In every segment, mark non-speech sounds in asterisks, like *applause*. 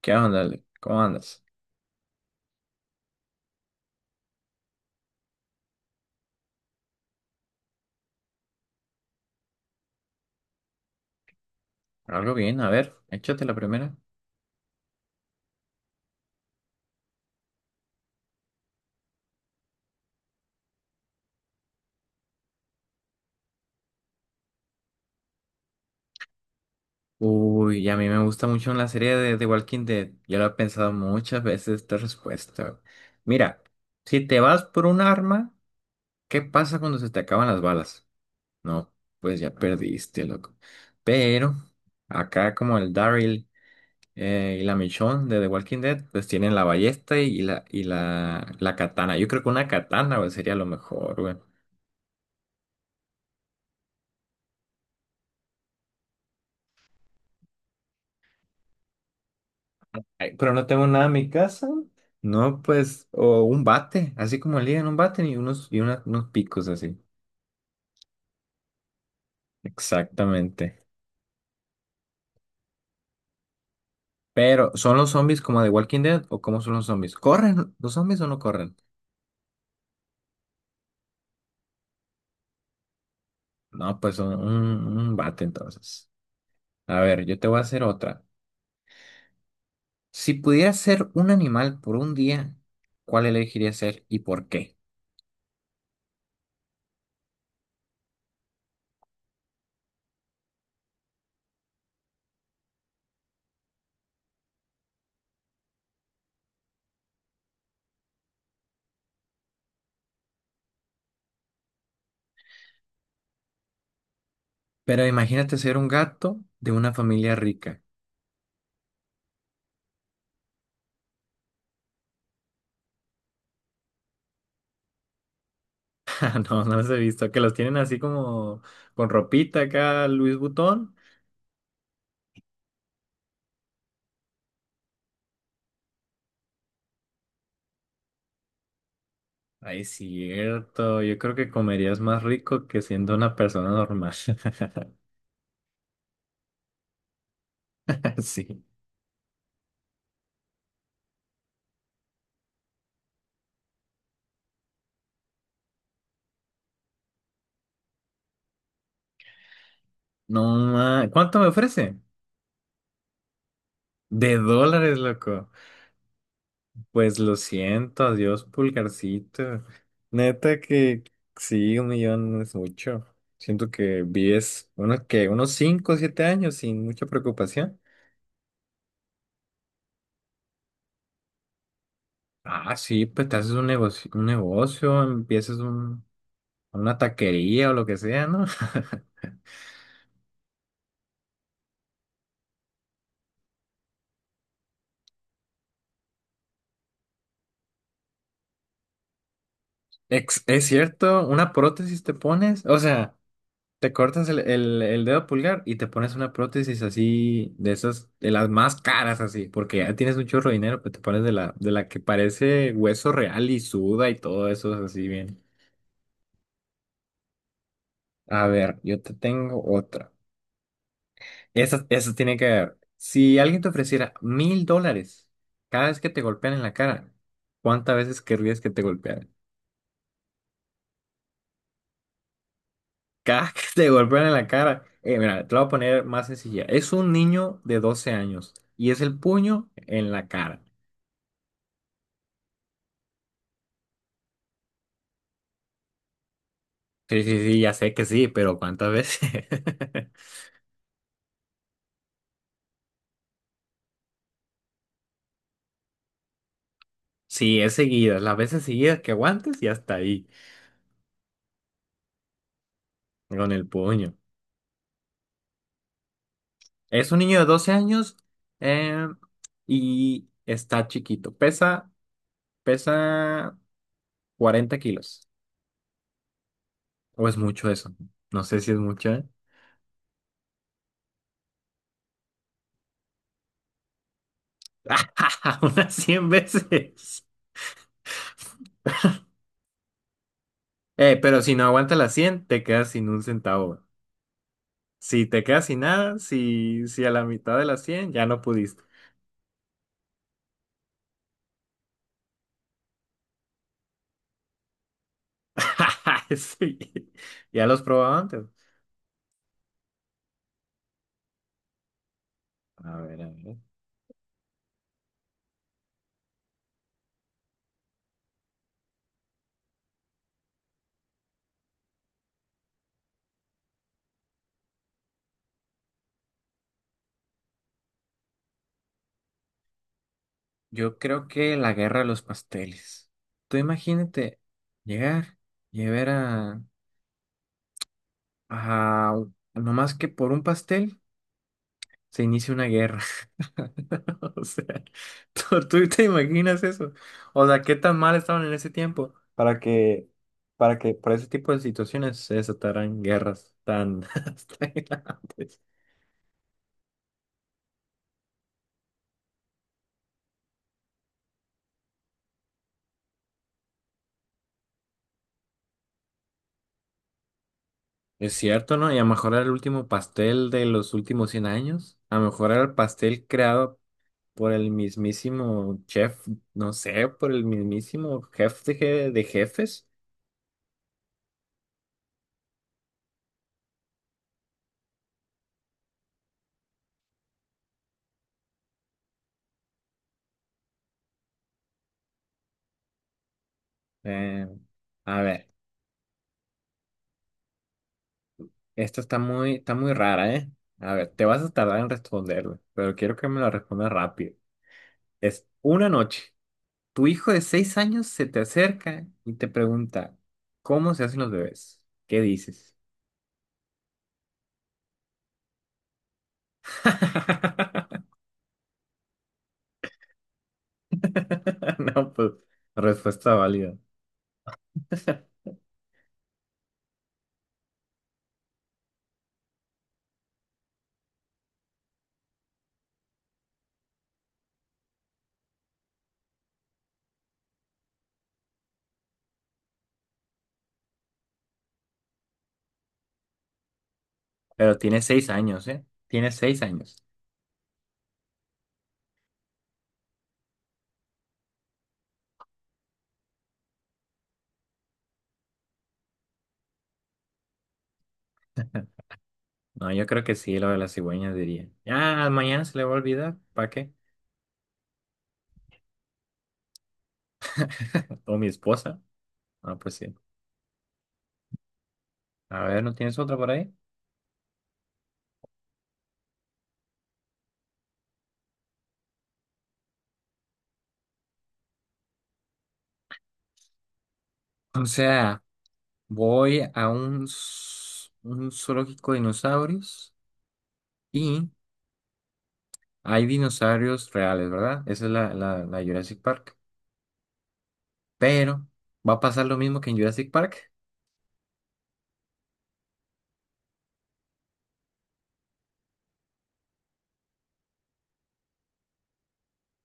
¿Qué onda, Ale? ¿Cómo andas? Algo bien, a ver, échate la primera. Uy, a mí me gusta mucho la serie de The Walking Dead. Yo lo he pensado muchas veces esta respuesta. Mira, si te vas por un arma, ¿qué pasa cuando se te acaban las balas? No, pues ya perdiste, loco. Pero acá como el Daryl y la Michonne de The Walking Dead, pues tienen la ballesta y la katana. Yo creo que una katana, güey, sería lo mejor, güey. Ay, pero no tengo nada en mi casa. No, pues, o un bate, así como ligan un bate y unos picos así. Exactamente. Pero, ¿son los zombies como de Walking Dead o cómo son los zombies? ¿Corren los zombies o no corren? No, pues son un bate entonces. A ver, yo te voy a hacer otra. Si pudieras ser un animal por un día, ¿cuál elegirías ser y por qué? Pero imagínate ser un gato de una familia rica. *laughs* No, no los he visto. Que los tienen así como con ropita acá, Luis Butón. Ay, cierto. Yo creo que comerías más rico que siendo una persona normal. *laughs* Sí. No, ¿Cuánto me ofrece? De dólares, loco. Pues lo siento, adiós, pulgarcito. Neta que sí, un millón no es mucho. Siento que vives unos 5 o 7 años sin mucha preocupación. Ah, sí, pues te haces un negocio, empiezas una taquería o lo que sea, ¿no? *laughs* Es cierto, una prótesis te pones, o sea, te cortas el dedo pulgar y te pones una prótesis así, de esas, de las más caras así, porque ya tienes un chorro de dinero, pues te pones de la que parece hueso real y suda y todo eso así bien. A ver, yo te tengo otra. Esa tiene que ver. Si alguien te ofreciera $1,000 cada vez que te golpean en la cara, ¿cuántas veces querrías que te golpearan? Cada que te golpean en la cara. Mira, te lo voy a poner más sencilla. Es un niño de 12 años y es el puño en la cara. Sí, sí, sí, ya sé que sí, pero ¿cuántas veces? *laughs* Sí, es seguidas. Las veces seguidas que aguantes y hasta ahí, con el puño. Es un niño de 12 años eh, y está chiquito. Pesa, pesa 40 kilos. ¿O es mucho eso? No sé si es mucho, ¿eh? *laughs* Unas 100 veces. Pero si no aguantas las 100, te quedas sin un centavo. Si te quedas sin nada, si a la mitad de las 100 ya no pudiste. *laughs* Sí, ya los probaba antes. A ver, a ver. Yo creo que la guerra de los pasteles. Tú imagínate llegar y ver a nomás que por un pastel se inicia una guerra. *laughs* O sea, ¿tú te imaginas eso? O sea, ¿qué tan mal estaban en ese tiempo para que por ese tipo de situaciones se desataran guerras tan, *laughs* tan grandes? Es cierto, ¿no? Y a lo mejor era el último pastel de los últimos 100 años. A lo mejor era el pastel creado por el mismísimo chef, no sé, por el mismísimo jefe de jefes. Eh, a ver. Esta está muy rara, ¿eh? A ver, te vas a tardar en responderla, pero quiero que me la respondas rápido. Es una noche. Tu hijo de 6 años se te acerca y te pregunta, ¿cómo se hacen los bebés? ¿Qué dices? *laughs* No, pues, respuesta válida. *laughs* Pero tiene 6 años, ¿eh? Tiene 6 años. No, yo creo que sí, lo de las cigüeñas diría. Ya, mañana se le va a olvidar. ¿Para qué? *laughs* O mi esposa. Ah, pues sí. A ver, ¿no tienes otra por ahí? O sea. Voy a un zoológico de dinosaurios y hay dinosaurios reales, ¿verdad? Esa es la Jurassic Park. Pero, ¿va a pasar lo mismo que en Jurassic Park?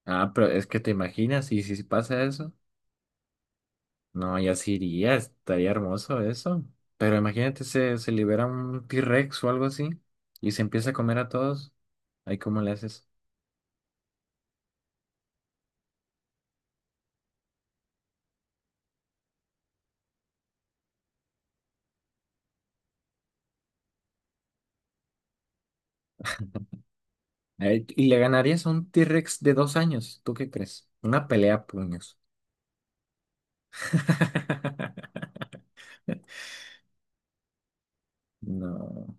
Ah, pero es que te imaginas, y si pasa eso, no, ya se iría, estaría hermoso eso. Pero imagínate, se libera un T-Rex o algo así y se empieza a comer a todos. Ahí, ¿cómo le haces? Ay, y le ganarías a un T-Rex de 2 años, ¿tú qué crees? Una pelea a puños. *laughs* No.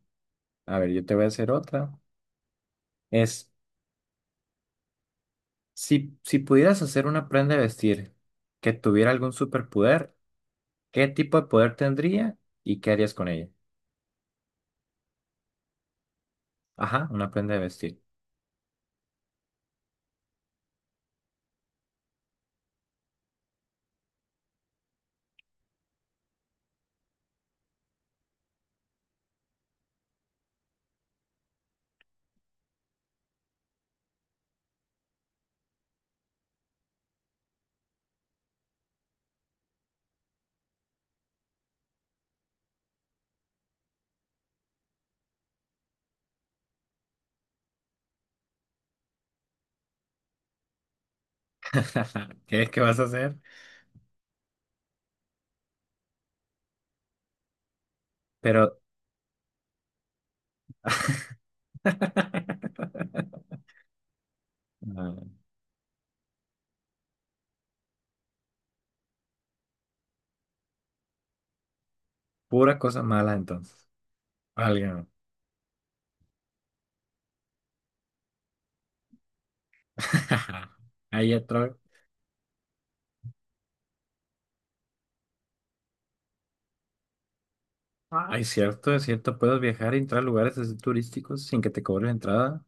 A ver, yo te voy a hacer otra. Es, si, si pudieras hacer una prenda de vestir que tuviera algún superpoder, ¿qué tipo de poder tendría y qué harías con ella? Ajá, una prenda de vestir. *laughs* ¿Qué vas a hacer? Pero... *laughs* Ah, pura cosa mala entonces. Alguien. *laughs* Ahí otro. Ay, cierto, es cierto. Puedes viajar y entrar a lugares así turísticos sin que te cobren entrada.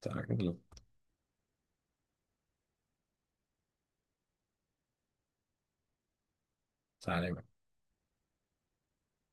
Sácalo. Sale,